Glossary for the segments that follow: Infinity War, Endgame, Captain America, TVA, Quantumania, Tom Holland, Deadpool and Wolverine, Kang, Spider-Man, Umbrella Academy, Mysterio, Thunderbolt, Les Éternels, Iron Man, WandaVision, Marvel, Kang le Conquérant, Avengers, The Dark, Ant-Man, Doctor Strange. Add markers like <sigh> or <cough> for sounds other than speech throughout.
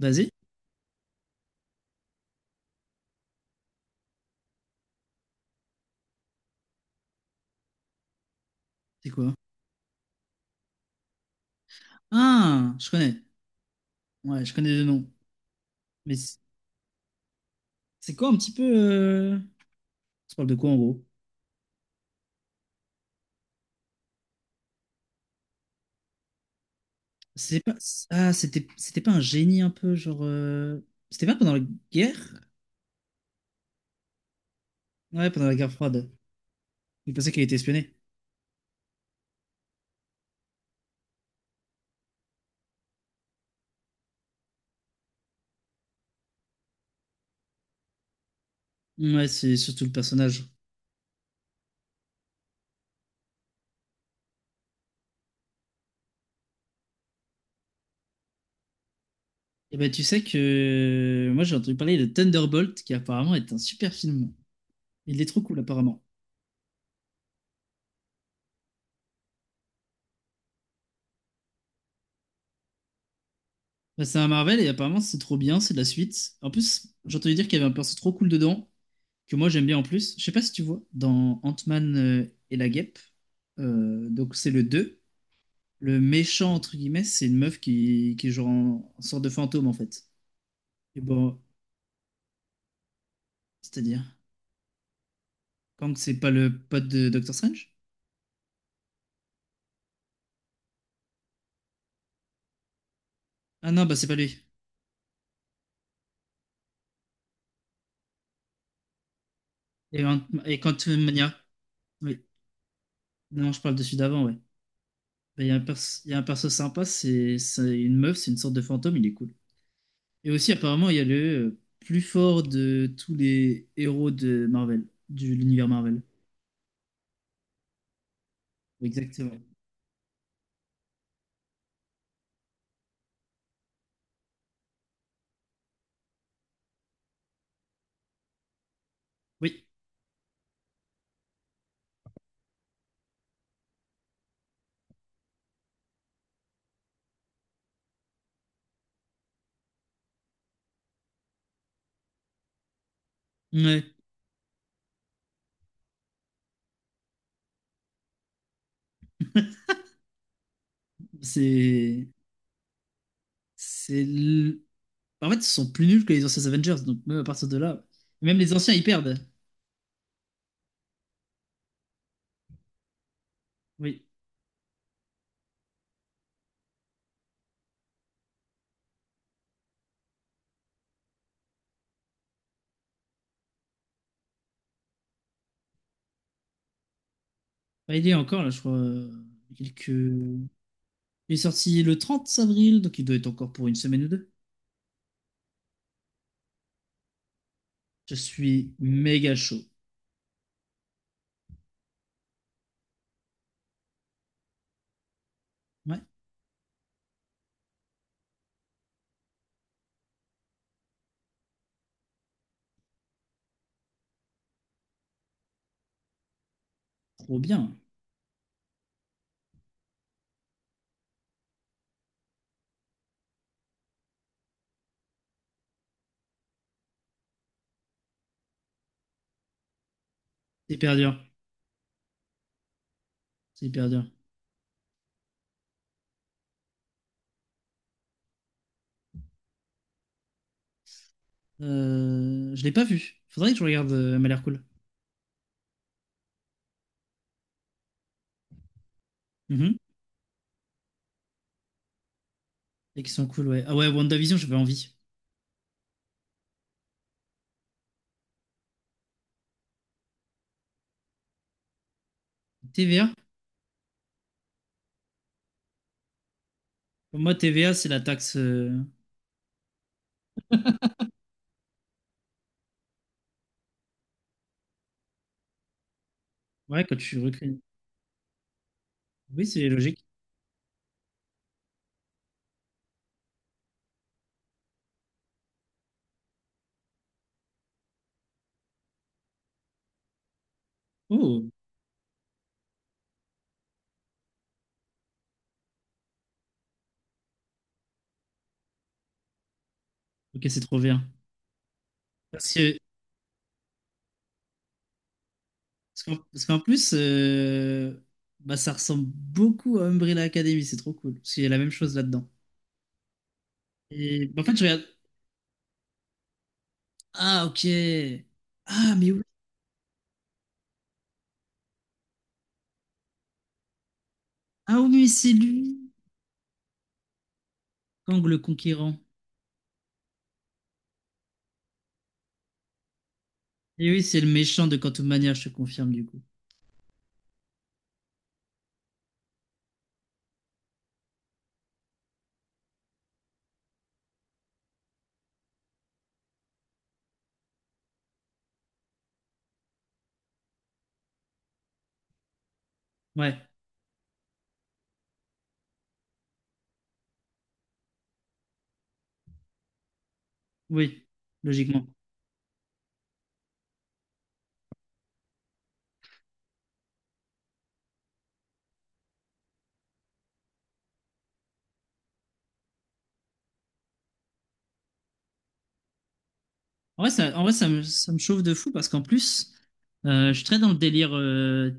Basé? C'est quoi? Ah, je connais. Ouais, je connais le nom. Mais c- c'est quoi un petit peu... on parle de quoi en gros? C'est pas... Ah, c'était pas un génie un peu, genre... c'était pas pendant la guerre? Ouais, pendant la guerre froide. Il pensait qu'il était espionné. Ouais, c'est surtout le personnage. Et ben tu sais que... Moi, j'ai entendu parler de Thunderbolt, qui apparemment est un super film. Il est trop cool, apparemment. Bah, c'est un Marvel, et apparemment, c'est trop bien, c'est de la suite. En plus, j'ai entendu dire qu'il y avait un perso trop cool dedans, que moi j'aime bien en plus. Je sais pas si tu vois, dans Ant-Man et la guêpe, donc c'est le 2, le méchant entre guillemets, c'est une meuf qui est genre en sorte de fantôme en fait. Et bon, c'est-à-dire, Kang c'est pas le pote de Doctor Strange? Ah non, bah c'est pas lui. Et, Quantumania, oui. Non, je parle de celui d'avant, ouais. Bah, il y a un perso, sympa, c'est une meuf, c'est une sorte de fantôme, il est cool. Et aussi, apparemment, il y a le plus fort de tous les héros de Marvel, de l'univers Marvel. Exactement. Oui, ouais. C'est. C'est. En fait, ils sont plus nuls que les anciens Avengers, donc même à partir de là. Même les anciens, ils perdent. Oui. Bah, il est encore là, je crois. Quelques... Il est sorti le 30 avril, donc il doit être encore pour une semaine ou deux. Je suis méga chaud. Ouais, trop bien. C'est hyper dur. C'est hyper dur. Je l'ai pas vu. Faudrait que je regarde, elle m'a l'air cool. Mhm. Et qui sont cool, ouais. Ah ouais, WandaVision, j'avais envie. TVA? Pour moi, TVA, c'est la taxe. Ouais, quand tu recrées. Oui, c'est logique. Oh, ok, c'est trop bien. Parce que, parce qu'en plus, bah, ça ressemble beaucoup à Umbrella Academy, c'est trop cool. Parce qu'il y a la même chose là-dedans. Et bah, en fait, je regarde. Ah, ok. Ah, mais oui. Ah, oui, c'est lui. Kang le Conquérant. Et oui, c'est le méchant de Quantum Mania, je te confirme, du coup. Ouais, oui, logiquement. En vrai, ça, en vrai, ça me chauffe de fou parce qu'en plus, je suis très dans le délire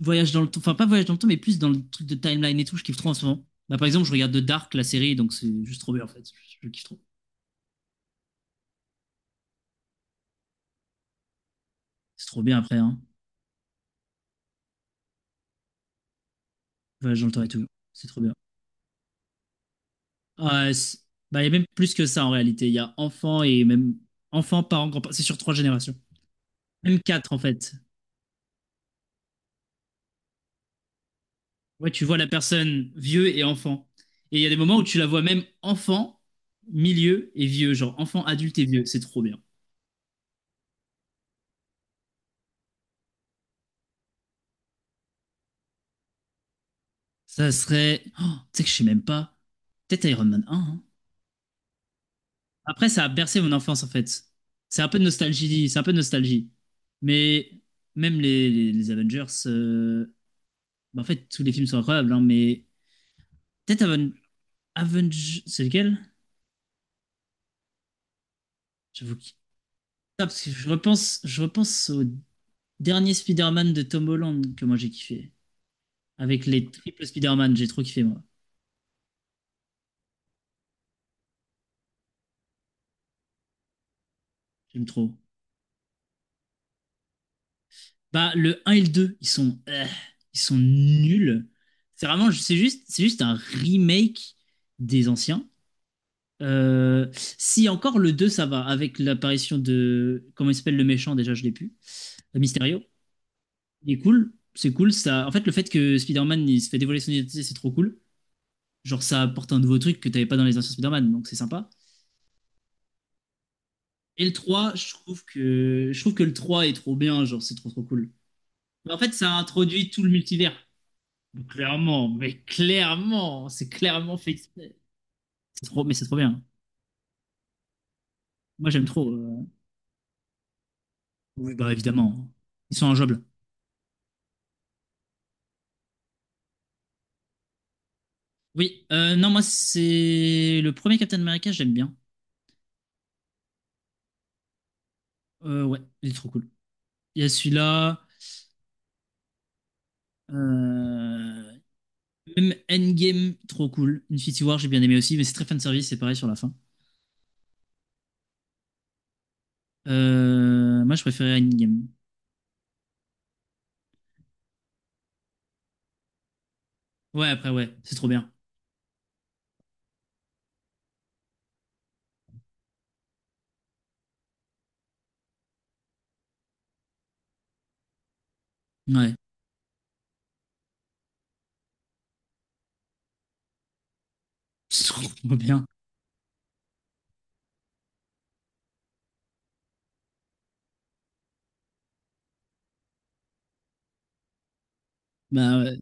voyage dans le temps, enfin pas voyage dans le temps, mais plus dans le truc de timeline et tout, je kiffe trop en ce moment. Bah, par exemple, je regarde The Dark, la série, donc c'est juste trop bien en fait. Je kiffe trop. C'est trop bien après, hein. Voyage dans le temps et tout. C'est trop bien. Ah, ouais, bah, il y a même plus que ça en réalité. Il y a enfant et même enfant, parents, grands-parents. C'est sur trois générations. Même quatre en fait. Ouais, tu vois la personne vieux et enfant. Et il y a des moments où tu la vois même enfant, milieu et vieux. Genre enfant, adulte et vieux. C'est trop bien. Ça serait. Oh, tu sais que je sais même pas. Peut-être Iron Man un, hein. Après, ça a bercé mon enfance en fait. C'est un peu de nostalgie, c'est un peu de nostalgie. Mais même les Avengers, bah, en fait, tous les films sont incroyables, hein, mais peut-être Aven... Avengers, c'est lequel? J'avoue que... Ah, parce que je repense au dernier Spider-Man de Tom Holland que moi j'ai kiffé. Avec les triples Spider-Man, j'ai trop kiffé moi. J'aime trop. Bah, le 1 et le 2, ils sont nuls. C'est vraiment, c'est juste un remake des anciens. Si encore le 2 ça va, avec l'apparition de. Comment il s'appelle le méchant déjà, je l'ai plus. Mysterio. Il est cool, c'est cool. Ça... En fait, le fait que Spider-Man il se fait dévoiler son identité, c'est trop cool. Genre, ça apporte un nouveau truc que t'avais pas dans les anciens Spider-Man, donc c'est sympa. Et le 3 je trouve que le 3 est trop bien, genre, c'est trop trop cool. En fait, ça a introduit tout le multivers. Clairement, mais clairement, c'est clairement fait exprès. C'est trop, mais c'est trop bien. Moi, j'aime trop. Oui, bah évidemment. Ils sont injouables. Oui, non, moi, c'est le premier Captain America, j'aime bien. Ouais, il est trop cool. Il y a celui-là. euh, Même Endgame, trop cool. Infinity War, j'ai bien aimé aussi, mais c'est très fanservice, c'est pareil sur la fin. Moi, je préférais Endgame. Ouais, après, ouais, c'est trop bien. Ouais, <laughs> c'est trop bien. Bah, ouais,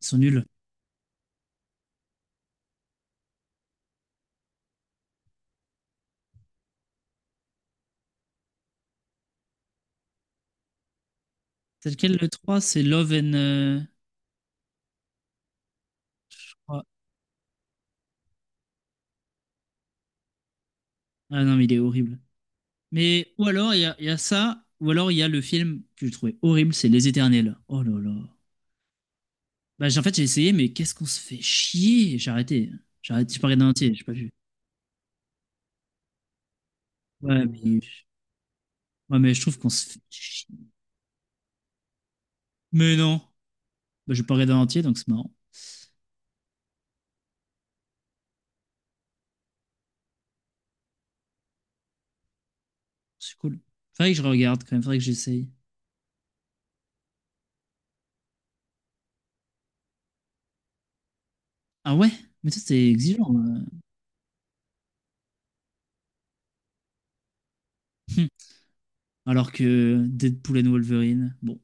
ils sont nuls. C'est lequel le trois? C'est Love and. Je crois. Ah non, mais il est horrible. Mais, ou alors, il y a ça, ou alors, il y a le film que j'ai trouvé horrible, c'est Les Éternels. Oh là là. Bah, en fait, j'ai essayé, mais qu'est-ce qu'on se fait chier! J'ai arrêté. J'ai arrêté, j'ai pas regardé en entier, j'ai pas vu. Ouais, mais, ouais, mais je trouve qu'on se fait chier. Mais non! Bah, j'ai pas regardé en entier, donc c'est marrant. C'est cool. Faudrait que je regarde quand même, faudrait que j'essaye. Ah ouais? Mais toi, t'es exigeant. Hum. Alors que Deadpool and Wolverine, bon.